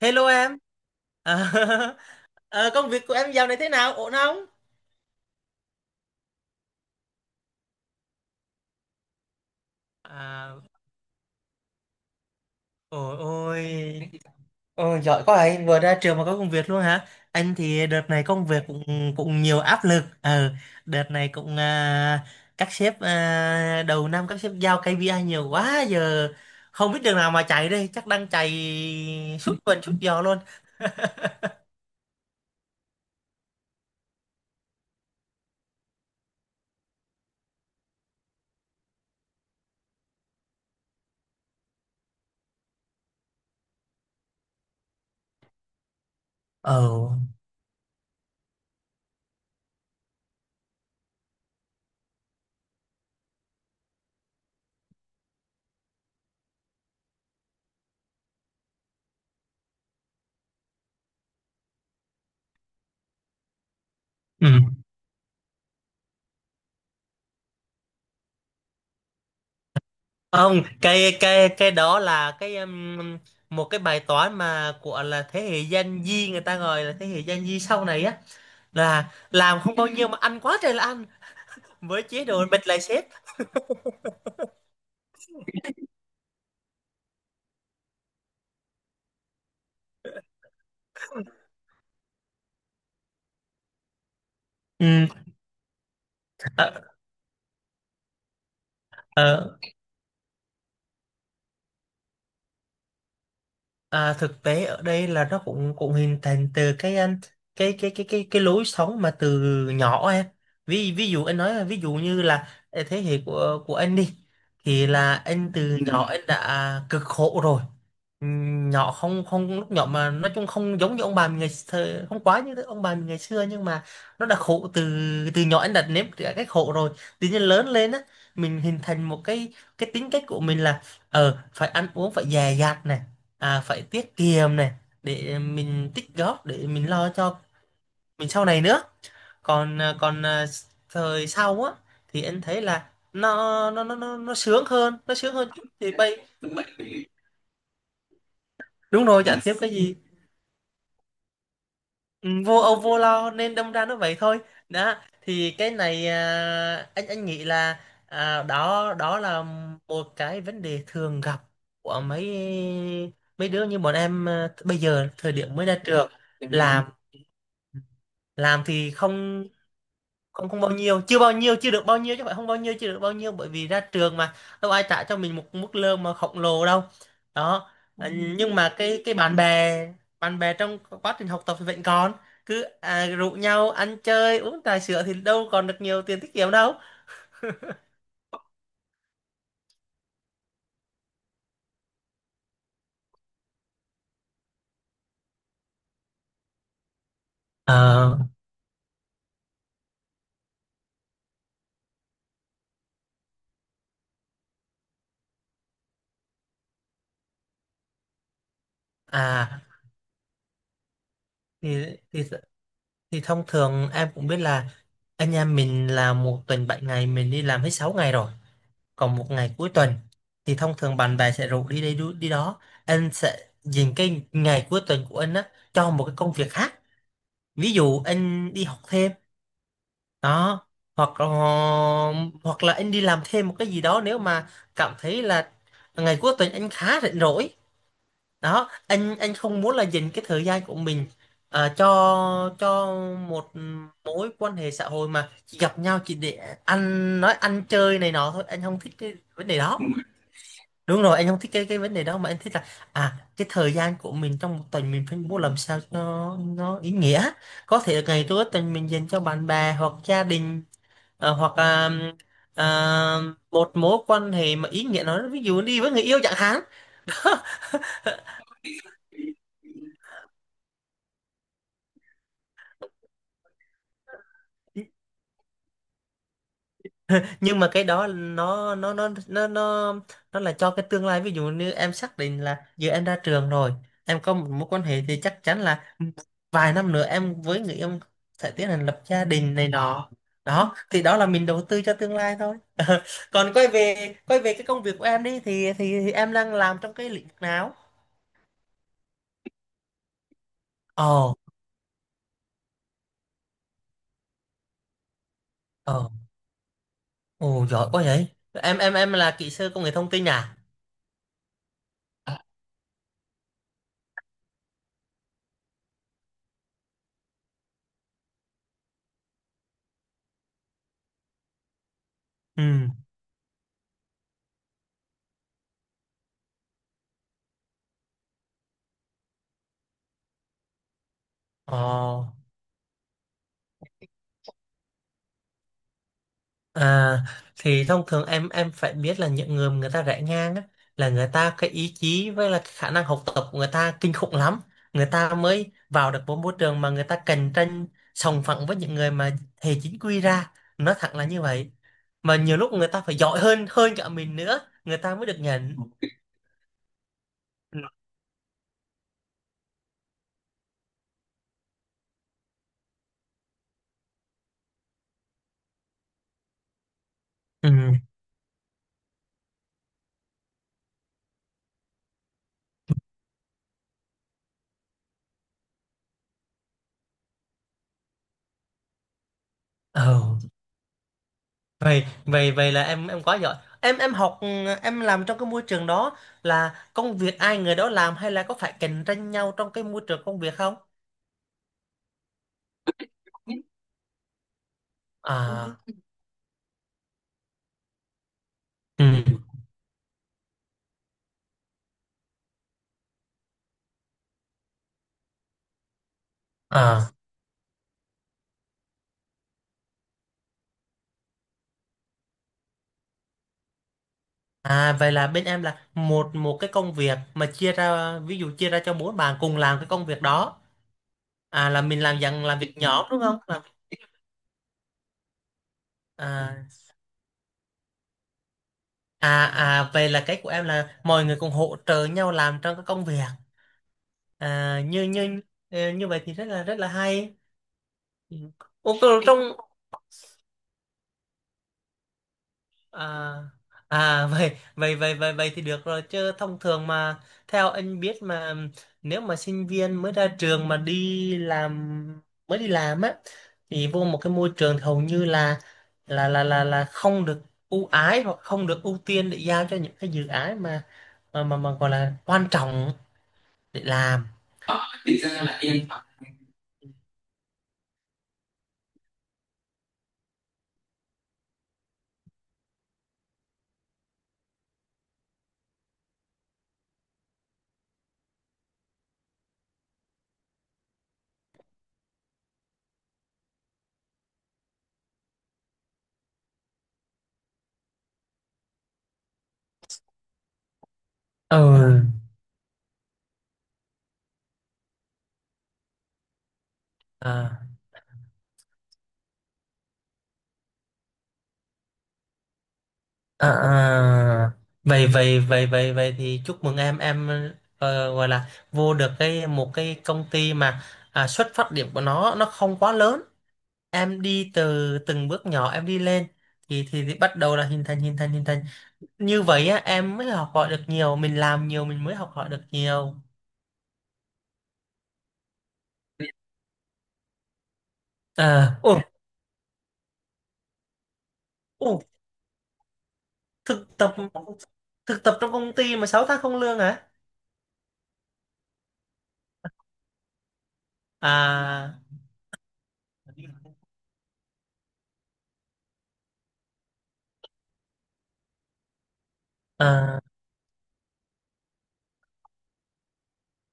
Hello em. À, công việc của em dạo này thế nào? Ổn không? À, ôi ôi. Ôi giỏi quá anh vừa ra trường mà có công việc luôn hả? Anh thì đợt này công việc cũng cũng nhiều áp lực. Ờ, Đợt này cũng đầu năm các sếp giao KPI nhiều quá, giờ không biết đường nào mà chạy đây, chắc đang chạy suốt tuần suốt giờ luôn. Ờ. Ừ. Không, cái đó là cái một cái bài toán mà của là thế hệ Gen Z, người ta gọi là thế hệ Gen Z sau này á, là làm không bao nhiêu mà ăn quá trời là ăn, với chế độ bịt lại sếp. Ừ, ờ, ờ, thực tế ở đây là nó cũng cũng hình thành từ cái cái lối sống mà từ nhỏ em. Ví ví dụ anh nói là, ví dụ như là thế hệ của anh đi thì là anh từ Ừ. nhỏ anh đã cực khổ rồi. Nhỏ không không lúc nhỏ mà nói chung không giống như ông bà mình ngày xưa, không quá như ông bà mình ngày xưa, nhưng mà nó đã khổ từ từ nhỏ anh đã nếm trải cái khổ rồi. Tự nhiên lớn lên á, mình hình thành một cái tính cách của mình là phải ăn uống phải dè dặt này, phải tiết kiệm này, để mình tích góp để mình lo cho mình sau này nữa. Còn thời sau á thì anh thấy là nó sướng hơn chút thì bây. Đúng rồi, chả thiếu cái gì. Ừ, vô âu vô lo nên đâm ra nó vậy thôi. Đó, thì cái này anh nghĩ là đó đó là một cái vấn đề thường gặp của mấy mấy đứa như bọn em bây giờ, thời điểm mới ra trường. Đúng rồi. Làm thì không không không bao nhiêu, chưa bao nhiêu, chưa được bao nhiêu, chứ không phải không bao nhiêu, chưa được bao nhiêu, bởi vì ra trường mà đâu ai trả cho mình một mức lương mà khổng lồ đâu. Đó. Ừ. Nhưng mà cái bạn bè trong quá trình học tập thì vẫn còn cứ rủ nhau ăn chơi uống trà sữa, thì đâu còn được nhiều tiền tiết kiệm đâu. Ờ, à thì thì thì thông thường em cũng biết là anh em mình là một tuần 7 ngày mình đi làm hết 6 ngày rồi. Còn một ngày cuối tuần thì thông thường bạn bè sẽ rủ đi đây đi đó. Anh sẽ dành cái ngày cuối tuần của anh á cho một cái công việc khác. Ví dụ anh đi học thêm đó, hoặc là anh đi làm thêm một cái gì đó nếu mà cảm thấy là ngày cuối tuần anh khá rảnh rỗi. Đó, anh không muốn là dành cái thời gian của mình cho cho một mối quan hệ xã hội mà chỉ gặp nhau chỉ để ăn nói, ăn chơi này nọ thôi, anh không thích cái vấn đề đó. Đúng rồi, anh không thích cái vấn đề đó, mà anh thích là cái thời gian của mình trong một tuần mình phải mua làm sao cho nó ý nghĩa. Có thể ngày cuối tuần mình dành cho bạn bè hoặc gia đình, hoặc à, một mối quan hệ mà ý nghĩa, nó ví dụ đi với người yêu chẳng hạn. Nhưng mà cái đó nó là cho cái tương lai, ví dụ như em xác định là giờ em ra trường rồi, em có một mối quan hệ thì chắc chắn là vài năm nữa em với người yêu sẽ tiến hành lập gia đình này nọ. Đó thì đó là mình đầu tư cho tương lai thôi. Còn quay về cái công việc của em đi, thì thì em đang làm trong cái lĩnh vực nào? Ồ. ồ ồ giỏi quá vậy. Em là kỹ sư công nghệ thông tin à? À. Ừ. Ồ. À, thì thông thường em phải biết là những người mà người ta rẽ ngang á, là người ta, cái ý chí với là cái khả năng học tập của người ta kinh khủng lắm. Người ta mới vào được một môi trường mà người ta cạnh tranh sòng phẳng với những người mà hệ chính quy ra. Nói thẳng là như vậy. Mà nhiều lúc người ta phải giỏi hơn hơn cả mình nữa, người ta mới được nhận. Ừ. Ừ. vậy vậy vậy là em quá giỏi. Em học em làm trong cái môi trường đó, là công việc ai người đó làm, hay là có phải cạnh tranh nhau trong cái môi trường công việc không? À. Ừ. à à, vậy là bên em là một một cái công việc mà chia ra, ví dụ chia ra cho bốn bạn cùng làm cái công việc đó, là mình làm dạng làm việc nhóm đúng không, làm, à à vậy là cái của em là mọi người cùng hỗ trợ nhau làm trong cái công việc. À, như như như vậy thì rất là hay. Ừ. Ủa, còn trong À, vậy vậy vậy vậy vậy thì được rồi, chứ thông thường mà theo anh biết mà, nếu mà sinh viên mới ra trường mà đi làm, mới đi làm á, thì vô một cái môi trường thì hầu như là không được ưu ái, hoặc không được ưu tiên để giao cho những cái dự án mà mà gọi là quan trọng để làm. Ờ, thì ra là em. Ừ. À. À, vậy vậy vậy vậy vậy thì chúc mừng em. Gọi là vô được cái một cái công ty mà xuất phát điểm của nó không quá lớn, em đi từ từng bước nhỏ em đi lên, thì thì bắt đầu là hình thành như vậy á, em mới học hỏi được nhiều, mình làm nhiều mình mới học hỏi được nhiều. À. ồ ồ thực tập, trong công ty mà 6 tháng không lương hả? à, à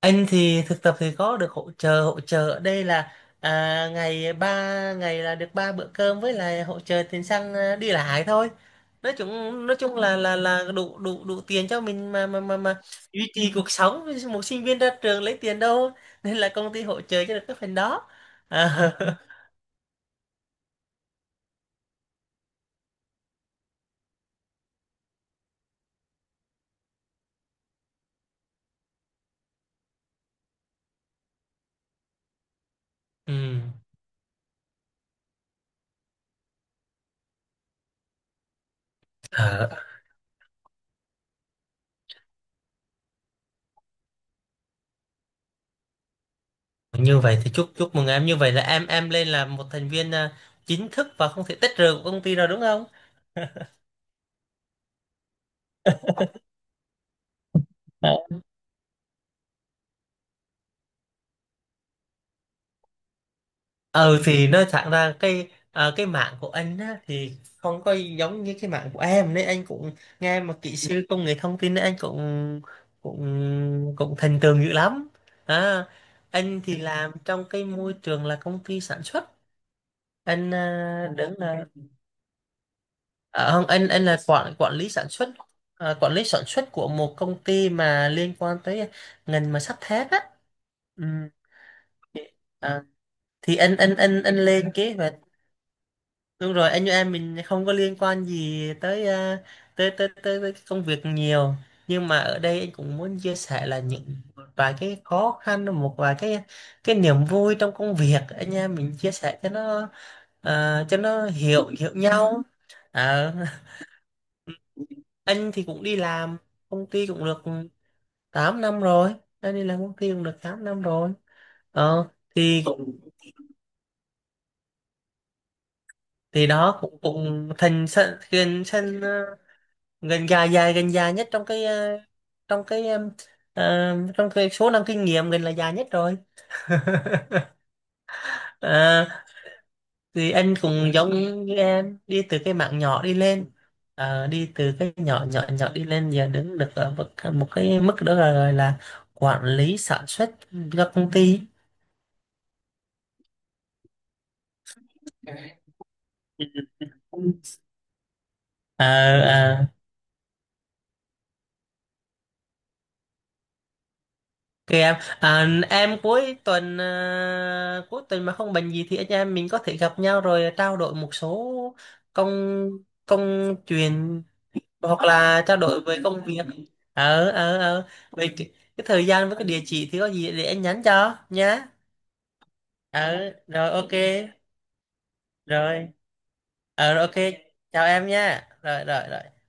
Anh thì thực tập thì có được hỗ trợ, ở đây là à, ngày ba ngày là được 3 bữa cơm với lại hỗ trợ tiền xăng, đi lại thôi. Nói chung là đủ, đủ tiền cho mình mà duy trì cuộc sống, một sinh viên ra trường lấy tiền đâu, nên là công ty hỗ trợ cho được cái phần đó. à, ừ. Ờ, Như vậy thì chúc chúc mừng em, như vậy là em lên là một thành viên chính thức và không thể tách rời của công ty rồi đúng không? Ừ thì nói thẳng ra cái cái mạng của anh á, thì không có giống như cái mạng của em, nên anh cũng nghe mà kỹ sư công nghệ thông tin, nên anh cũng cũng cũng thành tường dữ lắm. à, anh thì làm trong cái môi trường là công ty sản xuất, anh đứng là không, anh là quản quản lý sản xuất, quản lý sản xuất của một công ty mà liên quan tới ngành mà sắt thép á. Ừ. à, thì anh lên kế hoạch. Đúng rồi, anh như em mình không có liên quan gì tới tới, tới tới tới cái công việc nhiều. Nhưng mà ở đây anh cũng muốn chia sẻ là những một vài cái khó khăn, một vài cái niềm vui trong công việc anh em mình chia sẻ cho nó, cho nó hiểu hiểu nhau. Ờ, anh thì cũng đi làm công ty cũng được 8 năm rồi. Anh đi làm công ty cũng được 8 năm rồi. Ờ thì cũng thì đó cũng cũng thành sân, thành sân gần dài nhất trong cái trong cái ờ, trong cái số năm kinh nghiệm gần là dài nhất rồi. à, thì anh cũng giống như em, đi từ cái mảng nhỏ đi lên. Ờ, đi từ cái nhỏ nhỏ nhỏ đi lên, giờ đứng được ở một cái mức đó là gọi là quản lý sản xuất cho công ty. À, kìa em, cuối tuần mà không bệnh gì thì anh em mình có thể gặp nhau rồi trao đổi một số công, chuyện, hoặc là trao đổi về công việc. Về cái thời gian với cái địa chỉ thì có gì để anh nhắn cho nhá. Ờ rồi, ok. Rồi. Ờ rồi, ok. Chào em nha. Rồi rồi rồi.